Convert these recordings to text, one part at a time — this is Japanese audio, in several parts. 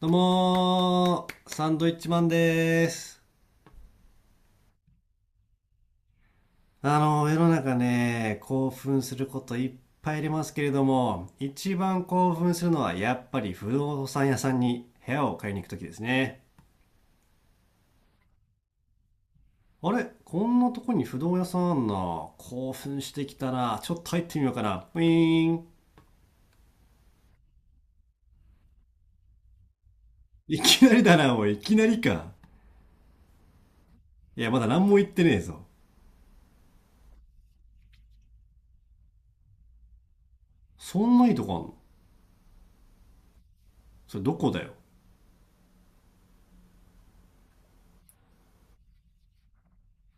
どうもー、サンドイッチマンでーす。世の中ね、興奮することいっぱいありますけれども、一番興奮するのはやっぱり不動産屋さんに部屋を買いに行くときですね。あれこんなとこに不動屋さんあんな。興奮してきたな。ちょっと入ってみようかな。ウィーン。いきなりだな、おい。いきなりか。いや、まだ何も言ってねえぞ。そんないいとこあんの？それどこだよ。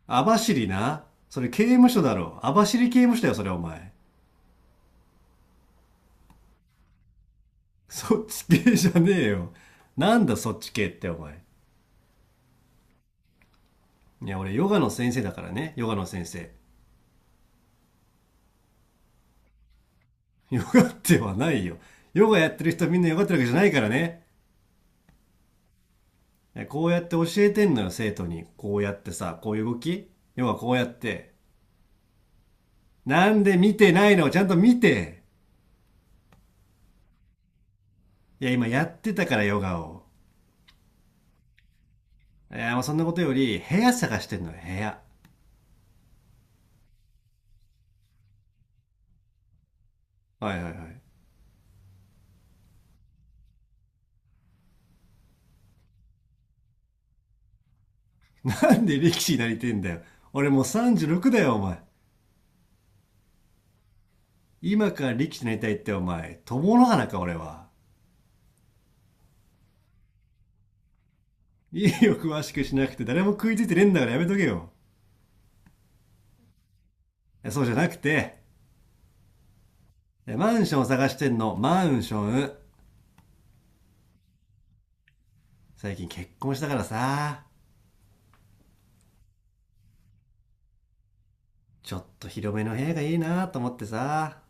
網走な。それ刑務所だろ。網走刑務所だよ、それお前。そっち系じゃねえよ。なんだそっち系ってお前。いや、俺ヨガの先生だからね。ヨガの先生。ヨガってはないよ。ヨガやってる人みんなヨガってるわけじゃないからね。こうやって教えてんのよ、生徒に。こうやってさ、こういう動き、ヨガこうやって。なんで見てないの？ちゃんと見て。いや、今やってたからヨガを。いや、もうそんなことより、部屋探してんのよ、部屋。はいはいはい。なんで力士になりてんだよ。俺もう36だよ、お前。今から力士になりたいってお前、友の花か俺は。いいよ、詳しくしなくて。誰も食いついてねえんだからやめとけよ。そうじゃなくて、マンションを探してんの、マンション。最近結婚したからさ、ちょっと広めの部屋がいいなと思ってさ。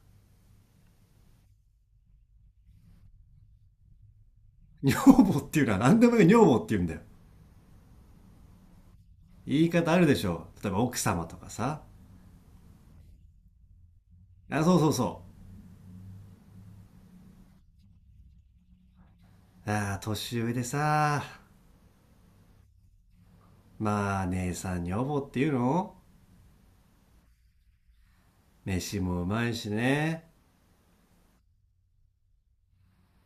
女房っていうのは何でもいい女房って言うんだよ。言い方あるでしょ。例えば奥様とかさ。あ、そう。ああ、年上でさ、まあ姉さん女房っていうの、飯もうまいしね。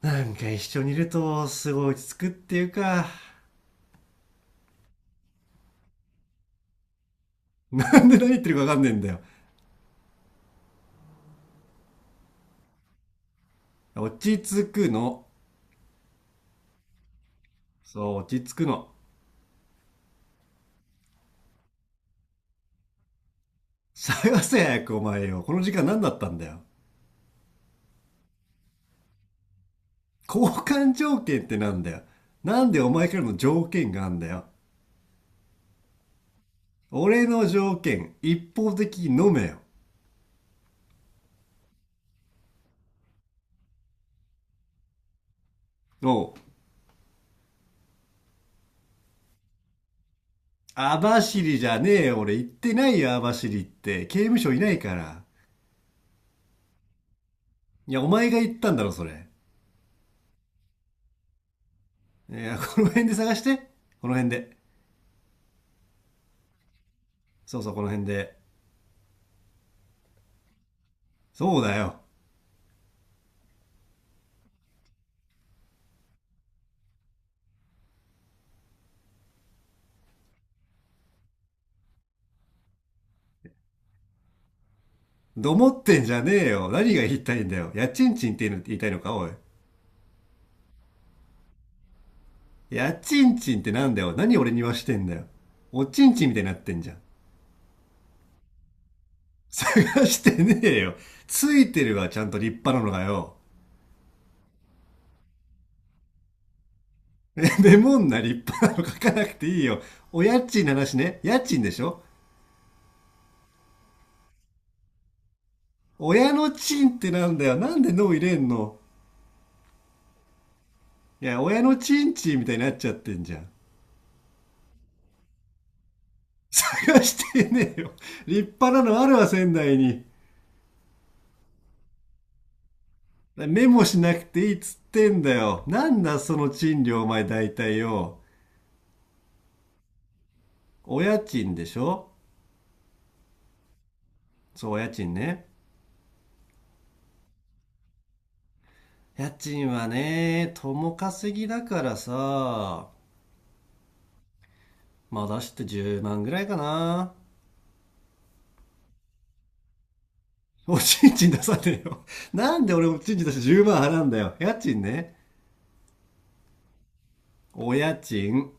なんか一緒にいるとすごい落ち着くっていうか、なんで何言ってるかわかんねえんだよ。落ち着くの。そう、落ち着くの。探せ早くお前よ。この時間何だったんだよ。交換条件ってなんだよ。なんでお前からの条件があんだよ。俺の条件、一方的に飲めよ。おう。網走じゃねえよ。俺行ってないよ、網走って。刑務所いないから。いや、お前が行ったんだろ、それ。いや、この辺で探して。この辺で。そう、この辺で。そうだよ。どもってんじゃねえよ。何が言いたいんだよ。やちんちんって言いたいのか、おい。やちんちんってなんだよ。何俺にはしてんだよ。おちんちんみたいになってんじゃん。探してねえよ。ついてるわ、ちゃんと立派なのがよ。メモんな、立派なの書かなくていいよ。お家賃の話ね。家賃でしょ？親のチンってなんだよ。なんで脳入れんの？いや、親のチンチンみたいになっちゃってんじゃん。探してねえよ。立派なのあるわ、仙台に。メモしなくていいっつってんだよ。なんだその賃料お前大体よ。お家賃でしょ？そう、お家賃ね。家賃はね、共稼ぎだからさ、まあ出して10万ぐらいかな。おちんちん出さねえよ。なんで俺おちんちん出して10万払うんだよ。家賃ね。お家賃。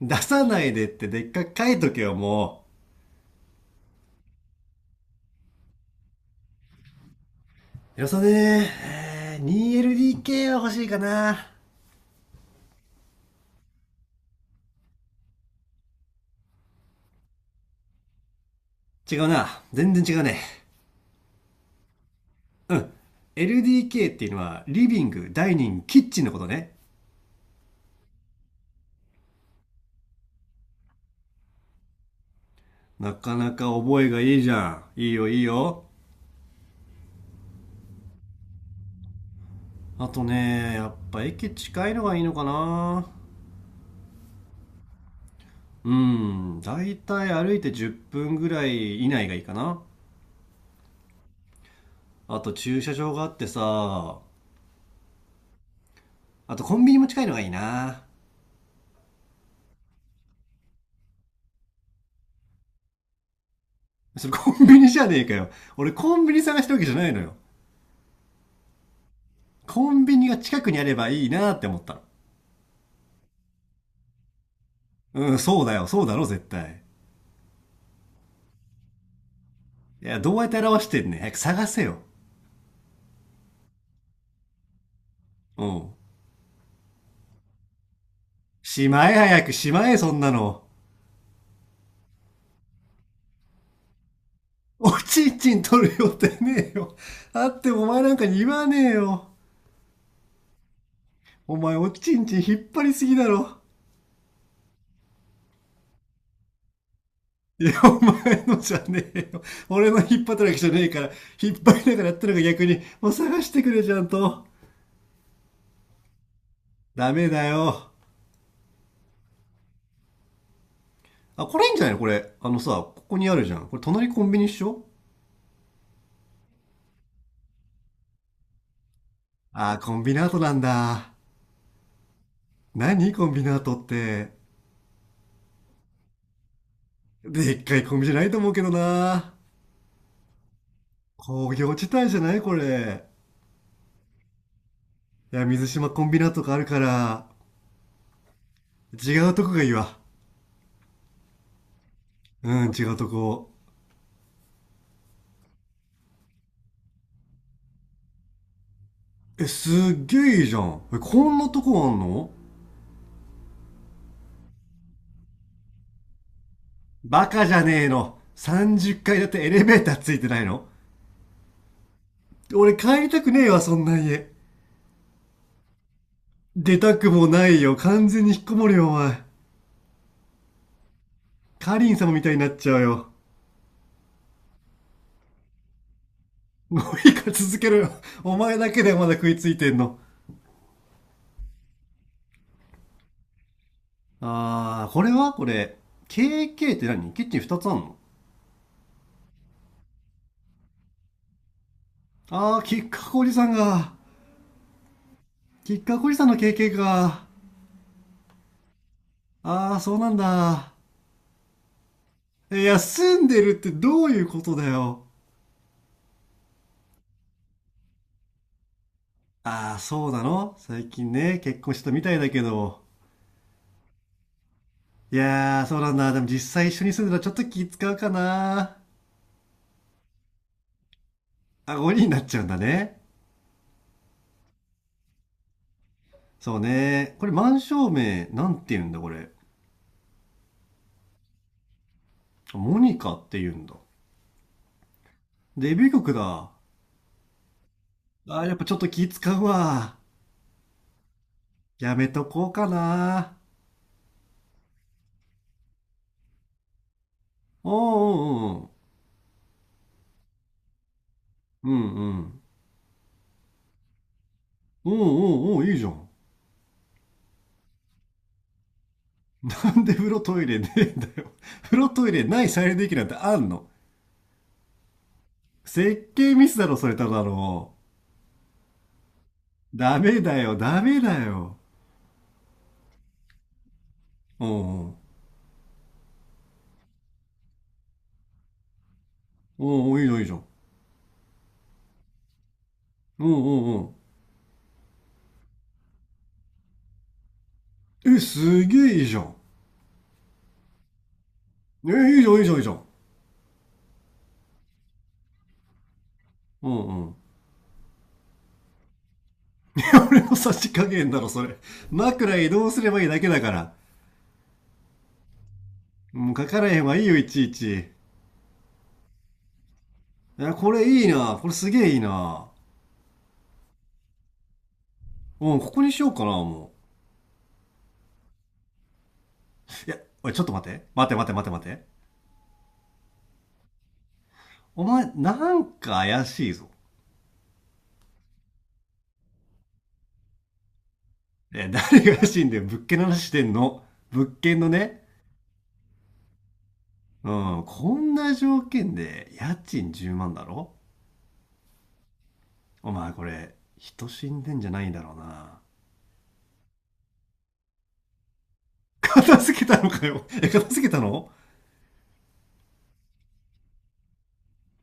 出さないでってでっかく書いとけよ、もう。よさねえー 2LDK は欲しいかな。違うな。全然違うね。LDK っていうのはリビング、ダイニング、キッチンのことね。なかなか覚えがいいじゃん。いいよいいよ。あとね、やっぱ駅近いのがいいのかな。うん、だいたい歩いて10分ぐらい以内がいいかな。あと駐車場があってさ、あとコンビニも近いのがいいな。それコンビニじゃねえかよ。俺コンビニ探してるわけじゃないのよ。コンビニが近くにあればいいなって思ったの。うん、そうだよ、そうだろ、絶対。いや、どうやって表してんねん。早く探せよ。うん。しまえ、早くしまえそんなの。おちんちん取る予定ねえよ。あってもお前なんかに言わねえよ。お前おちんちん引っ張りすぎだろ。いや、お前のじゃねえよ。俺の引っ張ったわけじゃねえから、引っ張りながらやったのが逆に、もう探してくれちゃんと。ダメだよ。あ、これいいんじゃないのこれ。あのさ、ここにあるじゃん。これ隣コンビニっしょ？あー、コンビナートなんだ。何コンビナートって。でっかいコンビじゃないと思うけどな。工業地帯じゃないこれ。いや、水島コンビナとかあるから、違うとこがいいわ。うん、違うとこ。え、すっげえいいじゃん。え、こんなとこあんの？バカじゃねえの。30階だってエレベーターついてないの？俺帰りたくねえわ、そんな家。出たくもないよ。完全に引っこもるよ、お前。カリン様みたいになっちゃうよ。もういいから続けろよ。お前だけでまだ食いついてんの。あー、これはこれ。KK って何？キッチン2つあんの？ああ、きっかこおじさんが、きっかこおじさんの経験か。ああ、そうなんだ。いや、住んでるってどういうことだよ。ああ、そうなの？最近ね、結婚したみたいだけど。いやー、そうなんだ。でも実際一緒に住んでたらちょっと気使うかな。あ、5人になっちゃうんだね。そうね。これ満照明、なんて言うんだこれ。モニカって言うんだ。デビュー曲だ。あー、やっぱちょっと気使うわ。やめとこうかな。おうおうおう。うんうん。おうおうおう、いいじゃん。なんで風呂トイレねえんだよ。風呂トイレない再利用できるなんてあんの？設計ミスだろ、それただの。ダメだよ、ダメだよ。おうおう、おうおう、いいじゃん、いいじゃん。おうおうおう。え、すげえいいじゃん。え、いいじゃん、いいじゃん、いいじゃん。おうおう。俺の差し加減だろ、それ。枕移動すればいいだけだから。もう書かれへんわ、いいよ、いちいち。いや、これいいな。これすげえいいな。うん、ここにしようかな、もう。いや、おい、ちょっと待って。待って。お前、なんか怪しいぞ。え、誰が怪しいんだよ。物件の話してんの。物件のね。うん、こんな条件で家賃10万だろ？お前これ、人死んでんじゃないだろうな。片付けたのかよ。え、片付けたの？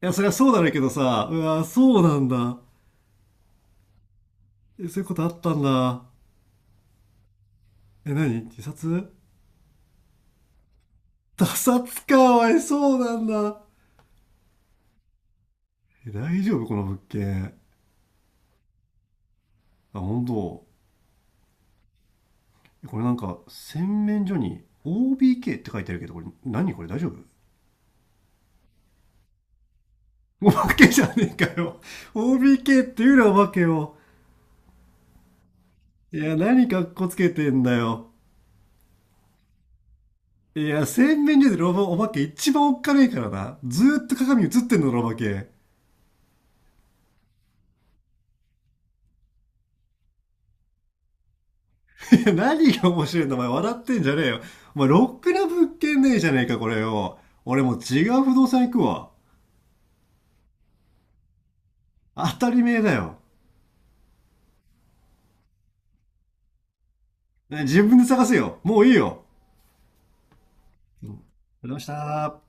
いや、そりゃそうだろうけどさ。うわ、そうなんだ。え、そういうことあったんだ。え、何？自殺？ 他殺か、おい、そうなんだ。え、大丈夫この物件。あ、本当。これなんか洗面所に OBK って書いてあるけどこれ何？これ大丈夫？お化けじゃねえかよ。 OBK っていうなお化けを。いや何かっこつけてんだよ。いや洗面所でロボお化け一番おっかねえからな。ずーっと鏡映ってんのロお化け。いや何が面白いんだお前、笑ってんじゃねえよ。お前ロックな物件ねえじゃねえかこれよ。俺もう違う不動産行くわ。当たり前だよ。ね、自分で探せよ、もういいよ。ありがとうございました。